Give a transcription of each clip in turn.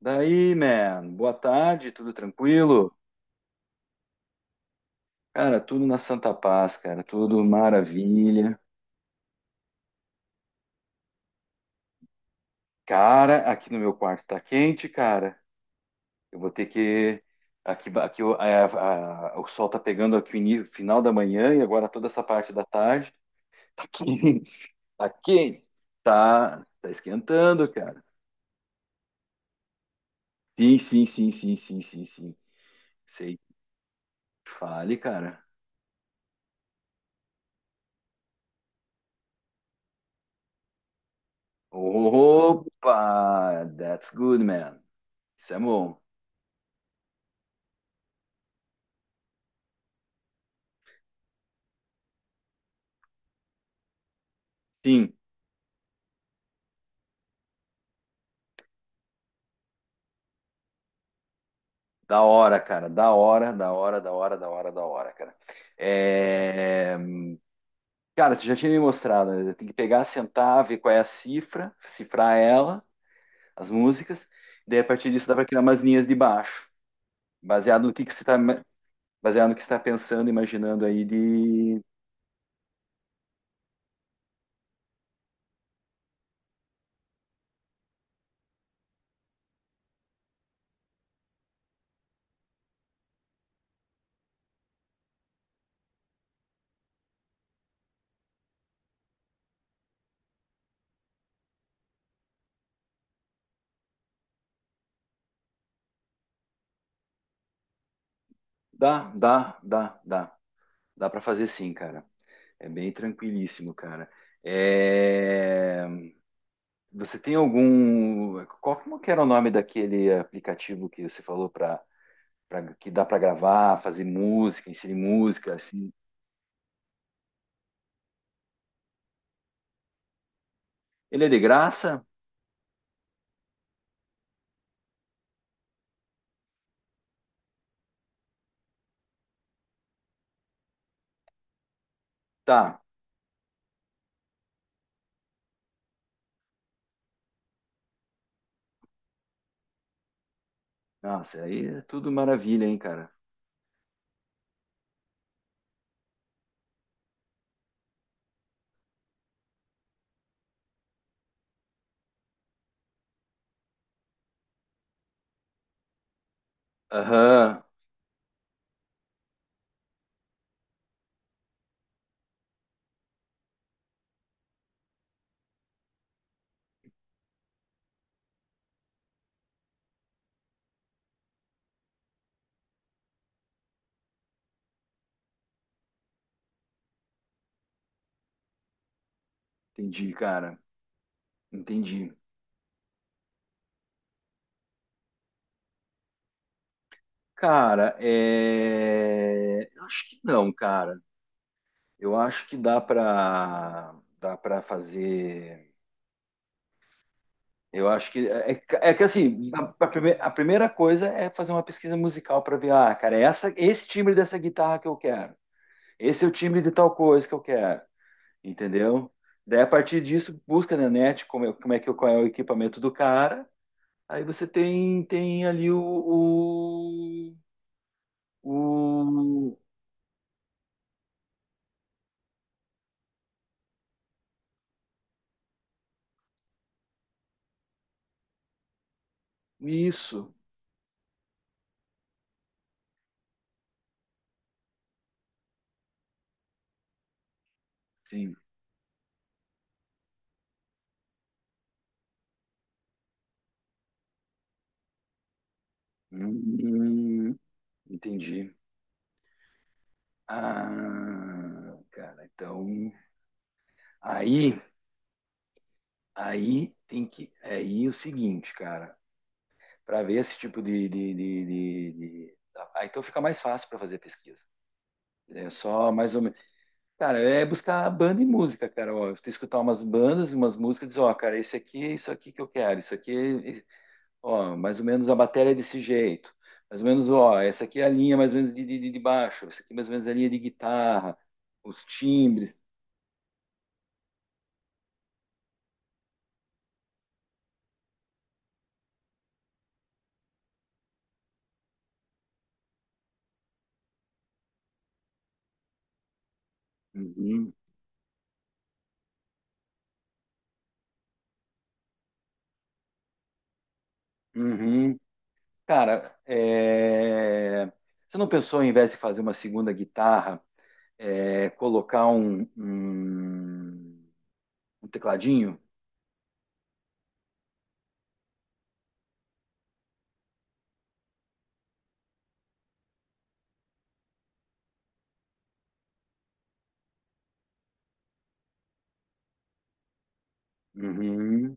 Daí, man, boa tarde, tudo tranquilo? Cara, tudo na Santa Paz, cara, tudo maravilha. Cara, aqui no meu quarto tá quente, cara. Eu vou ter que. Aqui, aqui o sol tá pegando aqui o final da manhã e agora toda essa parte da tarde. Tá quente, tá quente. Tá esquentando, cara. Sim, sim, sim. Sei. Fale, cara. Opa, that's good, man. Isso é bom. Sim. Da hora, cara. Da hora, da hora, da hora, da hora, da hora, cara. É, Cara, você já tinha me mostrado, né? Tem que pegar, sentar, ver qual é a cifra, cifrar ela, as músicas, daí a partir disso dá para criar umas linhas de baixo, baseado no que você está, baseado no que você está pensando, imaginando aí de. Dá. Dá para fazer sim, cara. É bem tranquilíssimo, cara. É, Você tem algum. Qual como que era o nome daquele aplicativo que você falou para que dá para gravar, fazer música, inserir música, assim. Ele é de graça? Tá. Nossa, aí é tudo maravilha, hein, cara. Aham, entendi, cara. Entendi. Cara, eu acho que não, cara. Eu acho que dá para fazer. Eu acho que é, é que assim, a a primeira coisa é fazer uma pesquisa musical para ver, ah, cara, é essa, esse timbre dessa guitarra que eu quero. Esse é o timbre de tal coisa que eu quero. Entendeu? Daí, a partir disso, busca na net como é que, qual é o equipamento do cara. Aí você tem, tem ali o- isso, sim. Hum, entendi. Ah, cara, então... Aí, aí tem que... Aí o seguinte, cara. Para ver esse tipo de... Ah, então fica mais fácil para fazer pesquisa. É só mais ou Cara, é buscar banda e música, cara. Ó, tu escutar umas bandas e umas músicas, diz, ó, cara, esse aqui é isso aqui que eu quero, isso aqui, é- ó, mais ou menos a bateria é desse jeito, mais ou menos, ó, essa aqui é a linha mais ou menos de, de baixo, essa aqui é mais ou menos é a linha de guitarra, os timbres. Uhum, uhum. Cara, é... você não pensou, em vez de fazer uma segunda guitarra, colocar um tecladinho? Uhum.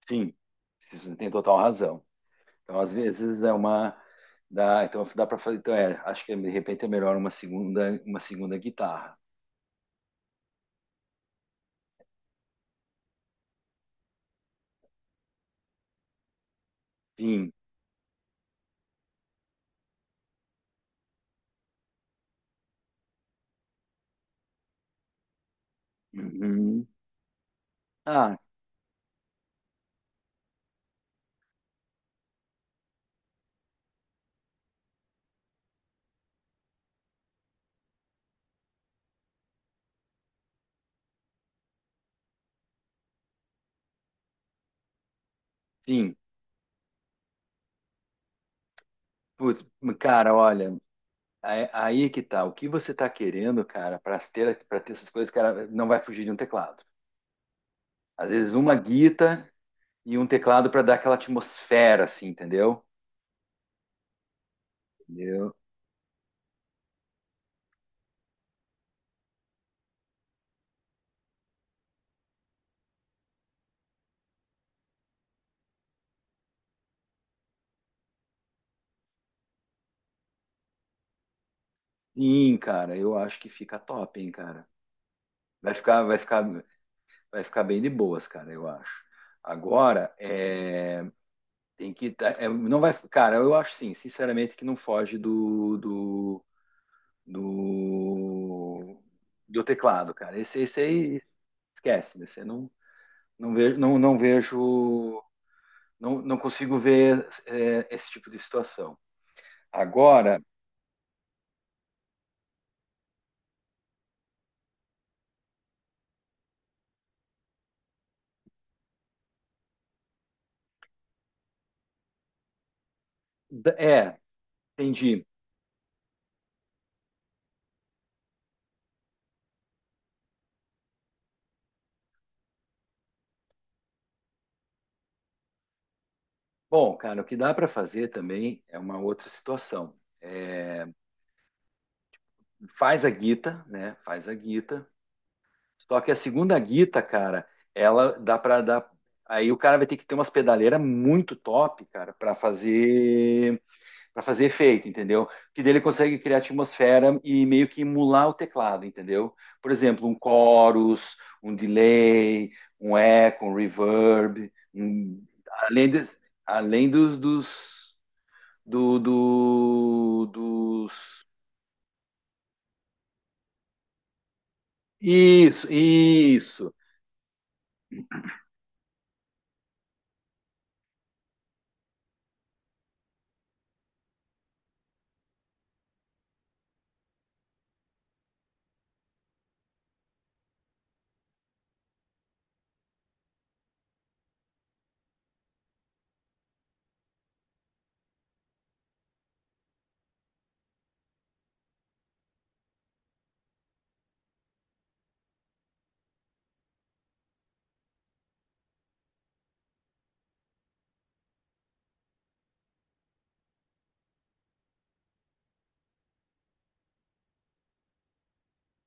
Sim, você tem total razão. Então, às vezes é uma dá, então dá para fazer, então é, acho que de repente é melhor uma segunda guitarra. Sim. Uhum. Ah, sim. Putz, cara, olha, aí é que tá. O que você tá querendo, cara, para ter essas coisas, cara, não vai fugir de um teclado. Às vezes uma guita e um teclado para dar aquela atmosfera assim, entendeu? Entendeu? Sim, cara, eu acho que fica top, hein, cara. Vai ficar, vai ficar, vai ficar bem de boas, cara, eu acho. Agora, é Tem que. É, não vai. Cara, eu acho sim, sinceramente, que não foge do do teclado, cara. Esse aí esquece, meu. Você não, não vejo, não vejo. Não consigo ver esse tipo de situação. Agora, é, entendi. Bom, cara, o que dá para fazer também é uma outra situação. É, faz a guita, né? Faz a guita. Só que a segunda guita, cara, ela dá para dar. Aí o cara vai ter que ter umas pedaleiras muito top, cara, para fazer efeito, entendeu? Que dele consegue criar atmosfera e meio que emular o teclado, entendeu? Por exemplo, um chorus, um delay, um eco, um reverb, um- além, des- além dos dos isso.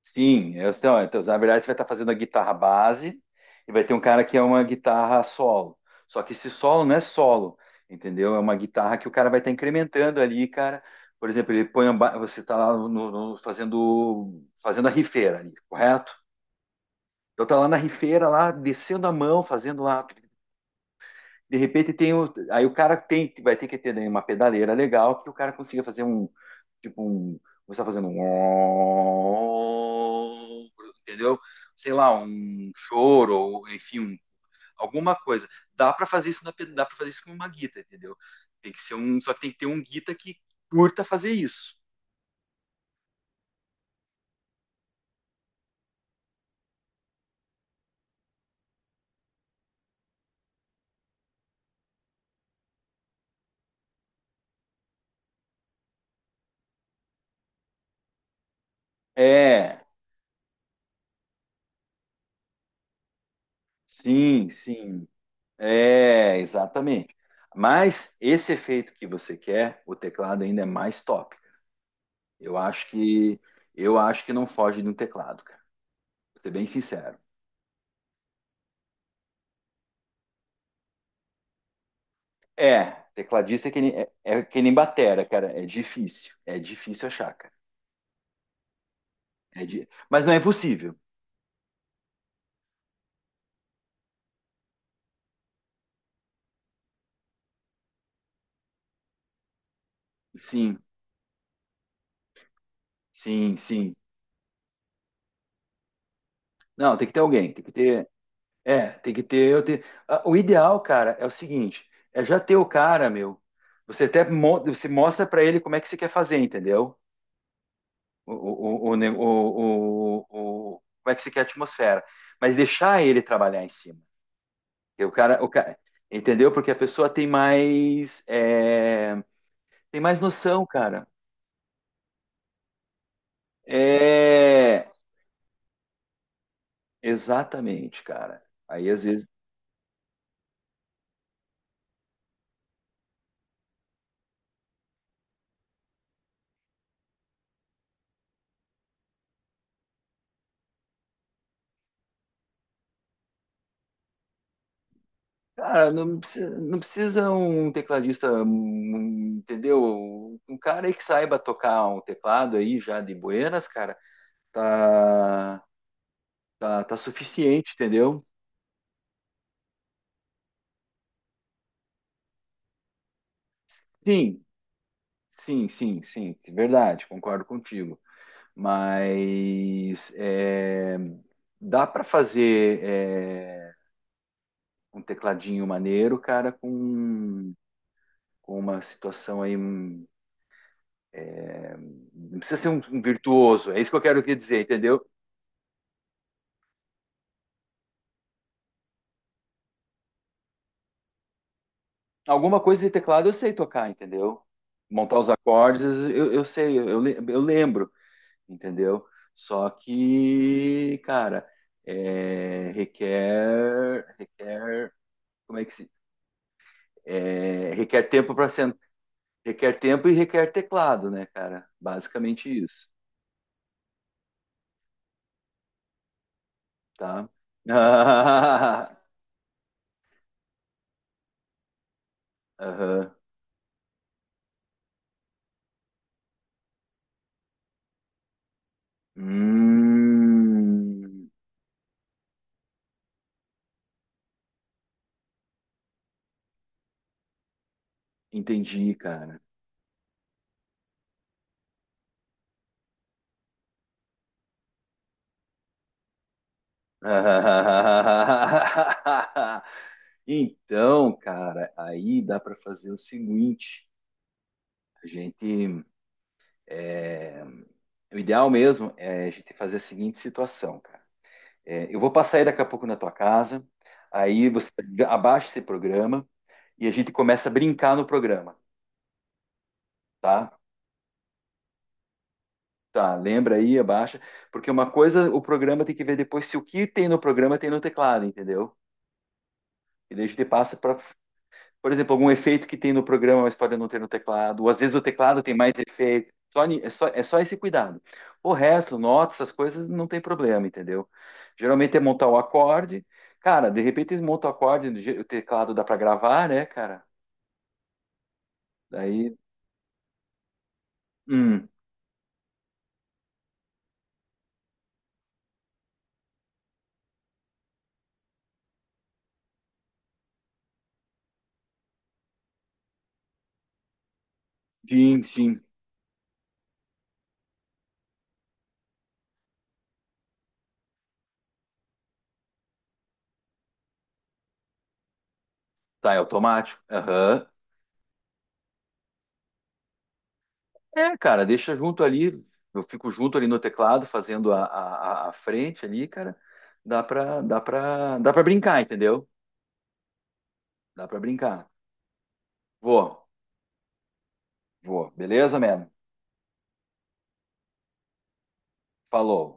Sim, é, então, então, na verdade você vai estar fazendo a guitarra base e vai ter um cara que é uma guitarra solo. Só que esse solo não é solo, entendeu? É uma guitarra que o cara vai estar incrementando ali, cara. Por exemplo, ele põe a você está lá fazendo a rifeira ali, correto? Então tá lá na rifeira lá, descendo a mão, fazendo lá de repente tem o, aí o cara tem vai ter que ter uma pedaleira legal que o cara consiga fazer um tipo um você está fazendo um entendeu sei lá um choro ou enfim um, alguma coisa dá para fazer isso na dá para fazer isso com uma guita entendeu tem que ser um só que tem que ter um guita que curta fazer isso é sim é exatamente mas esse efeito que você quer o teclado ainda é mais top. Eu acho que eu acho que não foge de um teclado, cara. Pra ser bem sincero. É, tecladista é que nem, é que nem batera, cara. É difícil. É difícil achar, cara. Mas não é impossível. Sim, sim. Não, tem que ter alguém. Tem que ter. É, tem que ter. Eu ter... Ah, o ideal, cara, é o seguinte: é já ter o cara, meu. Você até você mostra pra ele como é que você quer fazer, entendeu? O, ne- o- como é que você quer a atmosfera. Mas deixar ele trabalhar em cima. O cara, entendeu? Porque a pessoa tem mais, tem mais noção, cara. É, exatamente, cara. Aí às vezes, cara, não precisa um tecladista, entendeu? Um cara aí que saiba tocar um teclado aí já de buenas, cara, tá, tá suficiente, entendeu? Sim, sim, verdade, concordo contigo. Mas é, dá para fazer é, um tecladinho maneiro, cara, com uma situação aí. Um- Não precisa ser um virtuoso, é isso que eu quero dizer, entendeu? Alguma coisa de teclado eu sei tocar, entendeu? Montar os acordes eu sei, eu, eu lembro, entendeu? Só que, cara, é, requer, como é que se, é, requer tempo para Requer tempo e requer teclado, né, cara? Basicamente isso, tá? Aham. Hum, entendi, cara. Então, cara, aí dá para fazer o seguinte: a gente, é, o ideal mesmo é a gente fazer a seguinte situação, cara. É, eu vou passar aí daqui a pouco na tua casa, aí você abaixa esse programa e a gente começa a brincar no programa. Tá? Tá, lembra aí, abaixa. Porque uma coisa, o programa tem que ver depois se o que tem no programa tem no teclado, entendeu? E daí a gente passa para, por exemplo, algum efeito que tem no programa, mas pode não ter no teclado. Ou às vezes o teclado tem mais efeito. Só, é só, é só esse cuidado. O resto, notas, essas coisas, não tem problema, entendeu? Geralmente é montar o acorde. Cara, de repente eles montam o acorde, o teclado dá para gravar, né, cara? Daí, hum, sim. Tá, é automático. Aham. É, cara, deixa junto ali, eu fico junto ali no teclado, fazendo a frente ali, cara. Dá pra brincar, entendeu? Dá pra brincar. Vou, vou. Beleza, mano? Falou.